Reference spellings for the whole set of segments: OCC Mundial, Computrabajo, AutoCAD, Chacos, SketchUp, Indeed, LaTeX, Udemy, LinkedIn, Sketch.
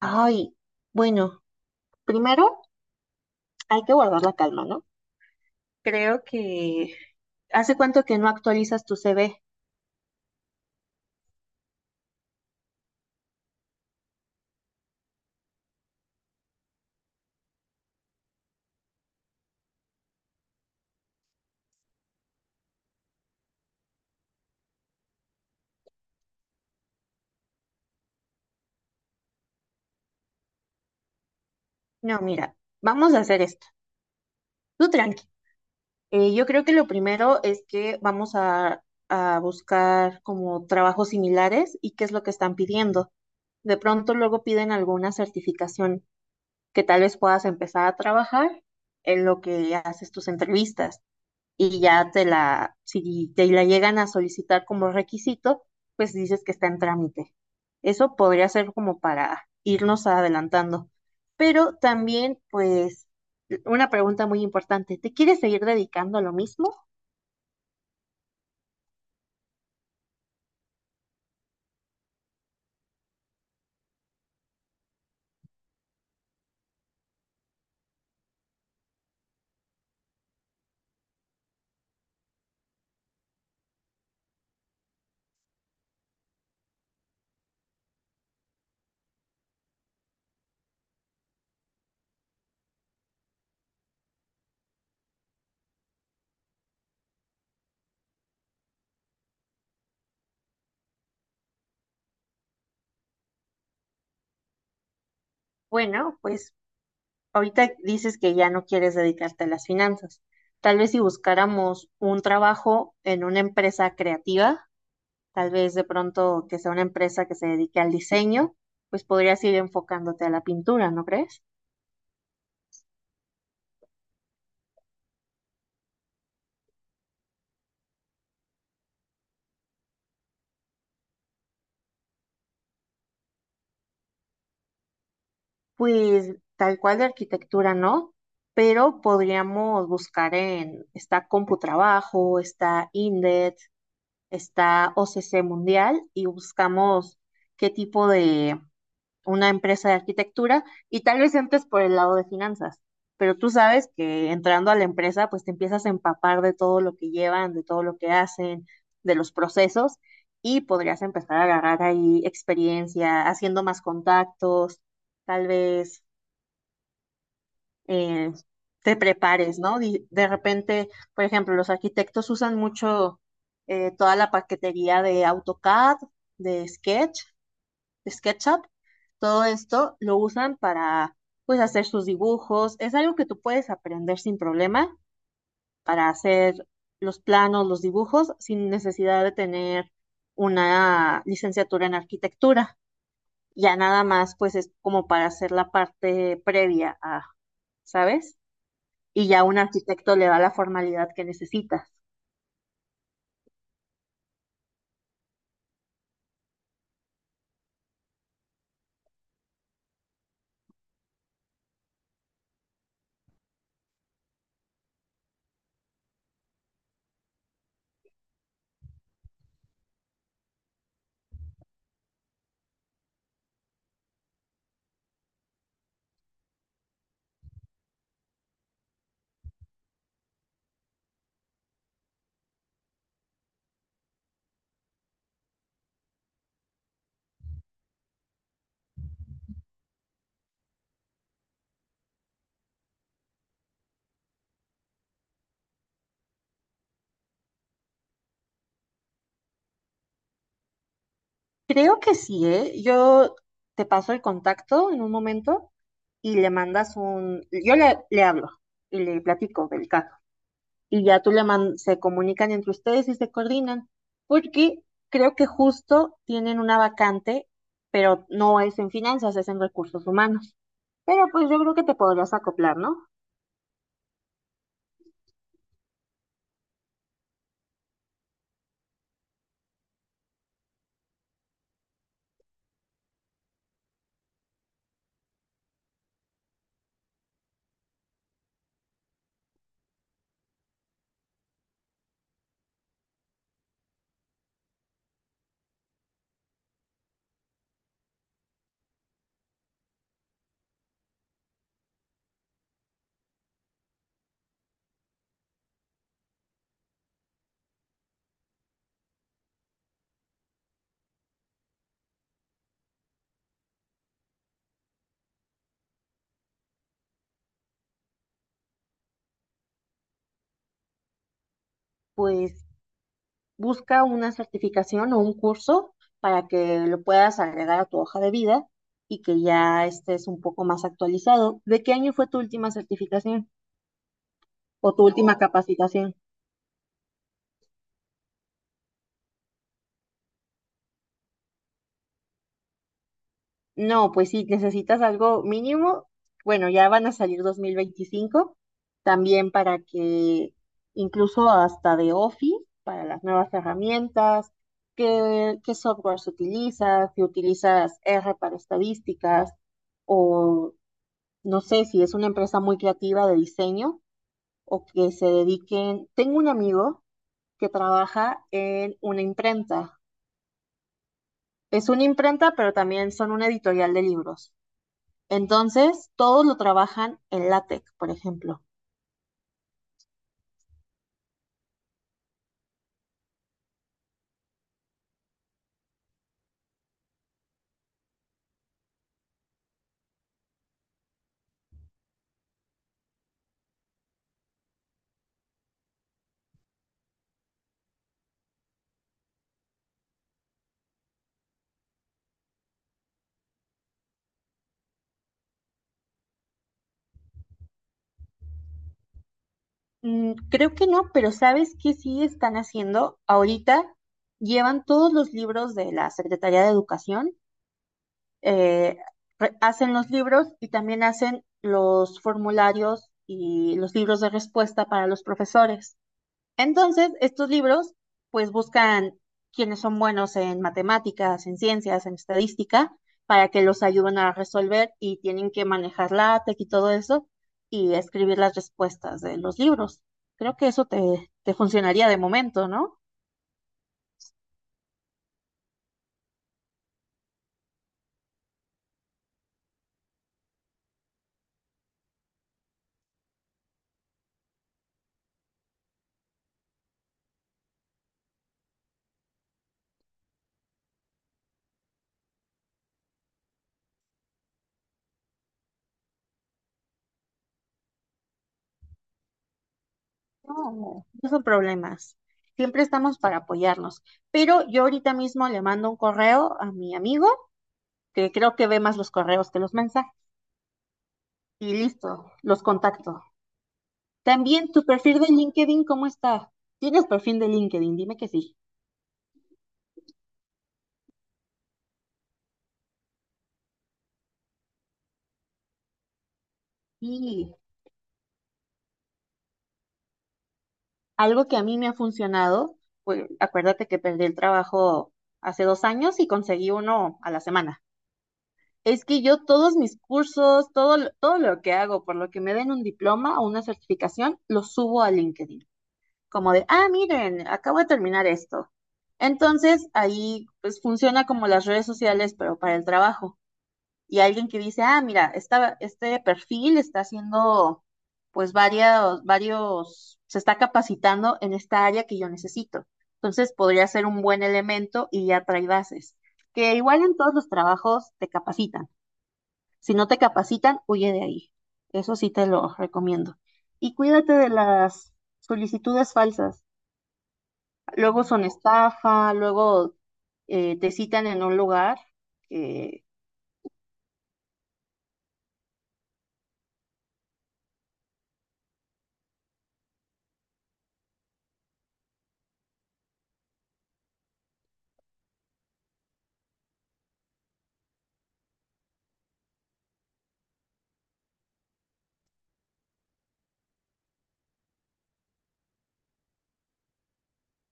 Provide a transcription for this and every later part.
Ay, bueno, primero hay que guardar la calma, ¿no? Creo que... ¿Hace cuánto que no actualizas tu CV? No, mira, vamos a hacer esto. Tú tranqui. Yo creo que lo primero es que vamos a buscar como trabajos similares y qué es lo que están pidiendo. De pronto luego piden alguna certificación que tal vez puedas empezar a trabajar en lo que haces tus entrevistas. Si te la llegan a solicitar como requisito, pues dices que está en trámite. Eso podría ser como para irnos adelantando. Pero también, pues, una pregunta muy importante, ¿te quieres seguir dedicando a lo mismo? Bueno, pues ahorita dices que ya no quieres dedicarte a las finanzas. Tal vez si buscáramos un trabajo en una empresa creativa, tal vez de pronto que sea una empresa que se dedique al diseño, pues podrías ir enfocándote a la pintura, ¿no crees? Pues tal cual de arquitectura no, pero podríamos buscar en, está Computrabajo, está Indeed, está OCC Mundial y buscamos qué tipo de una empresa de arquitectura y tal vez entres por el lado de finanzas, pero tú sabes que entrando a la empresa, pues te empiezas a empapar de todo lo que llevan, de todo lo que hacen, de los procesos y podrías empezar a agarrar ahí experiencia, haciendo más contactos, tal vez eh, te prepares, ¿no? De repente, por ejemplo, los arquitectos usan mucho toda la paquetería de AutoCAD, de Sketch, de SketchUp todo esto lo usan para, pues, hacer sus dibujos. Es algo que tú puedes aprender sin problema para hacer los planos, los dibujos, sin necesidad de tener una licenciatura en arquitectura. Ya nada más, pues, es como para hacer la parte previa a, ¿sabes? Y ya un arquitecto le da la formalidad que necesitas. Creo que sí, ¿eh? Yo te paso el contacto en un momento y le mandas un, yo le hablo y le platico del caso. Y ya tú se comunican entre ustedes y se coordinan, porque creo que justo tienen una vacante, pero no es en finanzas, es en recursos humanos. Pero pues yo creo que te podrías acoplar, ¿no? Pues busca una certificación o un curso para que lo puedas agregar a tu hoja de vida y que ya estés un poco más actualizado. ¿De qué año fue tu última certificación o tu última capacitación? No, pues sí, necesitas algo mínimo. Bueno, ya van a salir 2025, también para que incluso hasta de Office, para las nuevas herramientas, qué softwares utilizas, si utilizas R para estadísticas, o no sé si es una empresa muy creativa de diseño o que se dediquen. Tengo un amigo que trabaja en una imprenta. Es una imprenta, pero también son una editorial de libros. Entonces, todos lo trabajan en látex, por ejemplo. Creo que no, pero ¿sabes qué sí están haciendo? Ahorita llevan todos los libros de la Secretaría de Educación, eh, hacen los libros y también hacen los formularios y los libros de respuesta para los profesores. Entonces, estos libros pues buscan quienes son buenos en matemáticas, en ciencias, en estadística, para que los ayuden a resolver y tienen que manejar la LaTeX y todo eso y escribir las respuestas de los libros. Creo que eso te funcionaría de momento, ¿no? No, no son problemas. Siempre estamos para apoyarnos. Pero yo ahorita mismo le mando un correo a mi amigo, que creo que ve más los correos que los mensajes. Y listo, los contacto. También tu perfil de LinkedIn, ¿cómo está? ¿Tienes perfil de LinkedIn? Dime que sí. Y algo que a mí me ha funcionado, pues acuérdate que perdí el trabajo hace 2 años y conseguí uno a la semana. Es que yo todos mis cursos, todo, todo lo que hago, por lo que me den un diploma o una certificación, lo subo a LinkedIn. Como de, ah, miren, acabo de terminar esto. Entonces, ahí pues funciona como las redes sociales, pero para el trabajo. Y alguien que dice, ah, mira, este perfil está haciendo pues varios, varios, se está capacitando en esta área que yo necesito. Entonces podría ser un buen elemento y ya trae bases. Que igual en todos los trabajos te capacitan. Si no te capacitan, huye de ahí. Eso sí te lo recomiendo. Y cuídate de las solicitudes falsas. Luego son estafa, luego te citan en un lugar eh,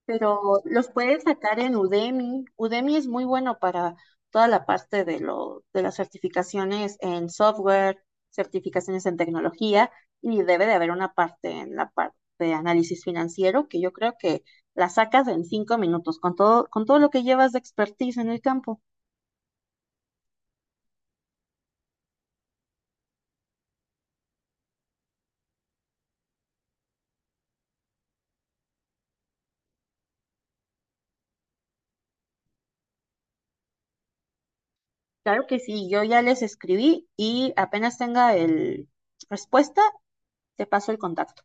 Pero los puedes sacar en Udemy. Udemy es muy bueno para toda la parte de las certificaciones en software, certificaciones en tecnología, y debe de haber una parte en la parte de análisis financiero que yo creo que la sacas en 5 minutos con todo lo que llevas de expertise en el campo. Claro que sí, yo ya les escribí y apenas tenga el respuesta, te paso el contacto.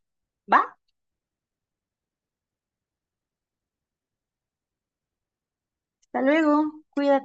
¿Va? Hasta luego, cuídate.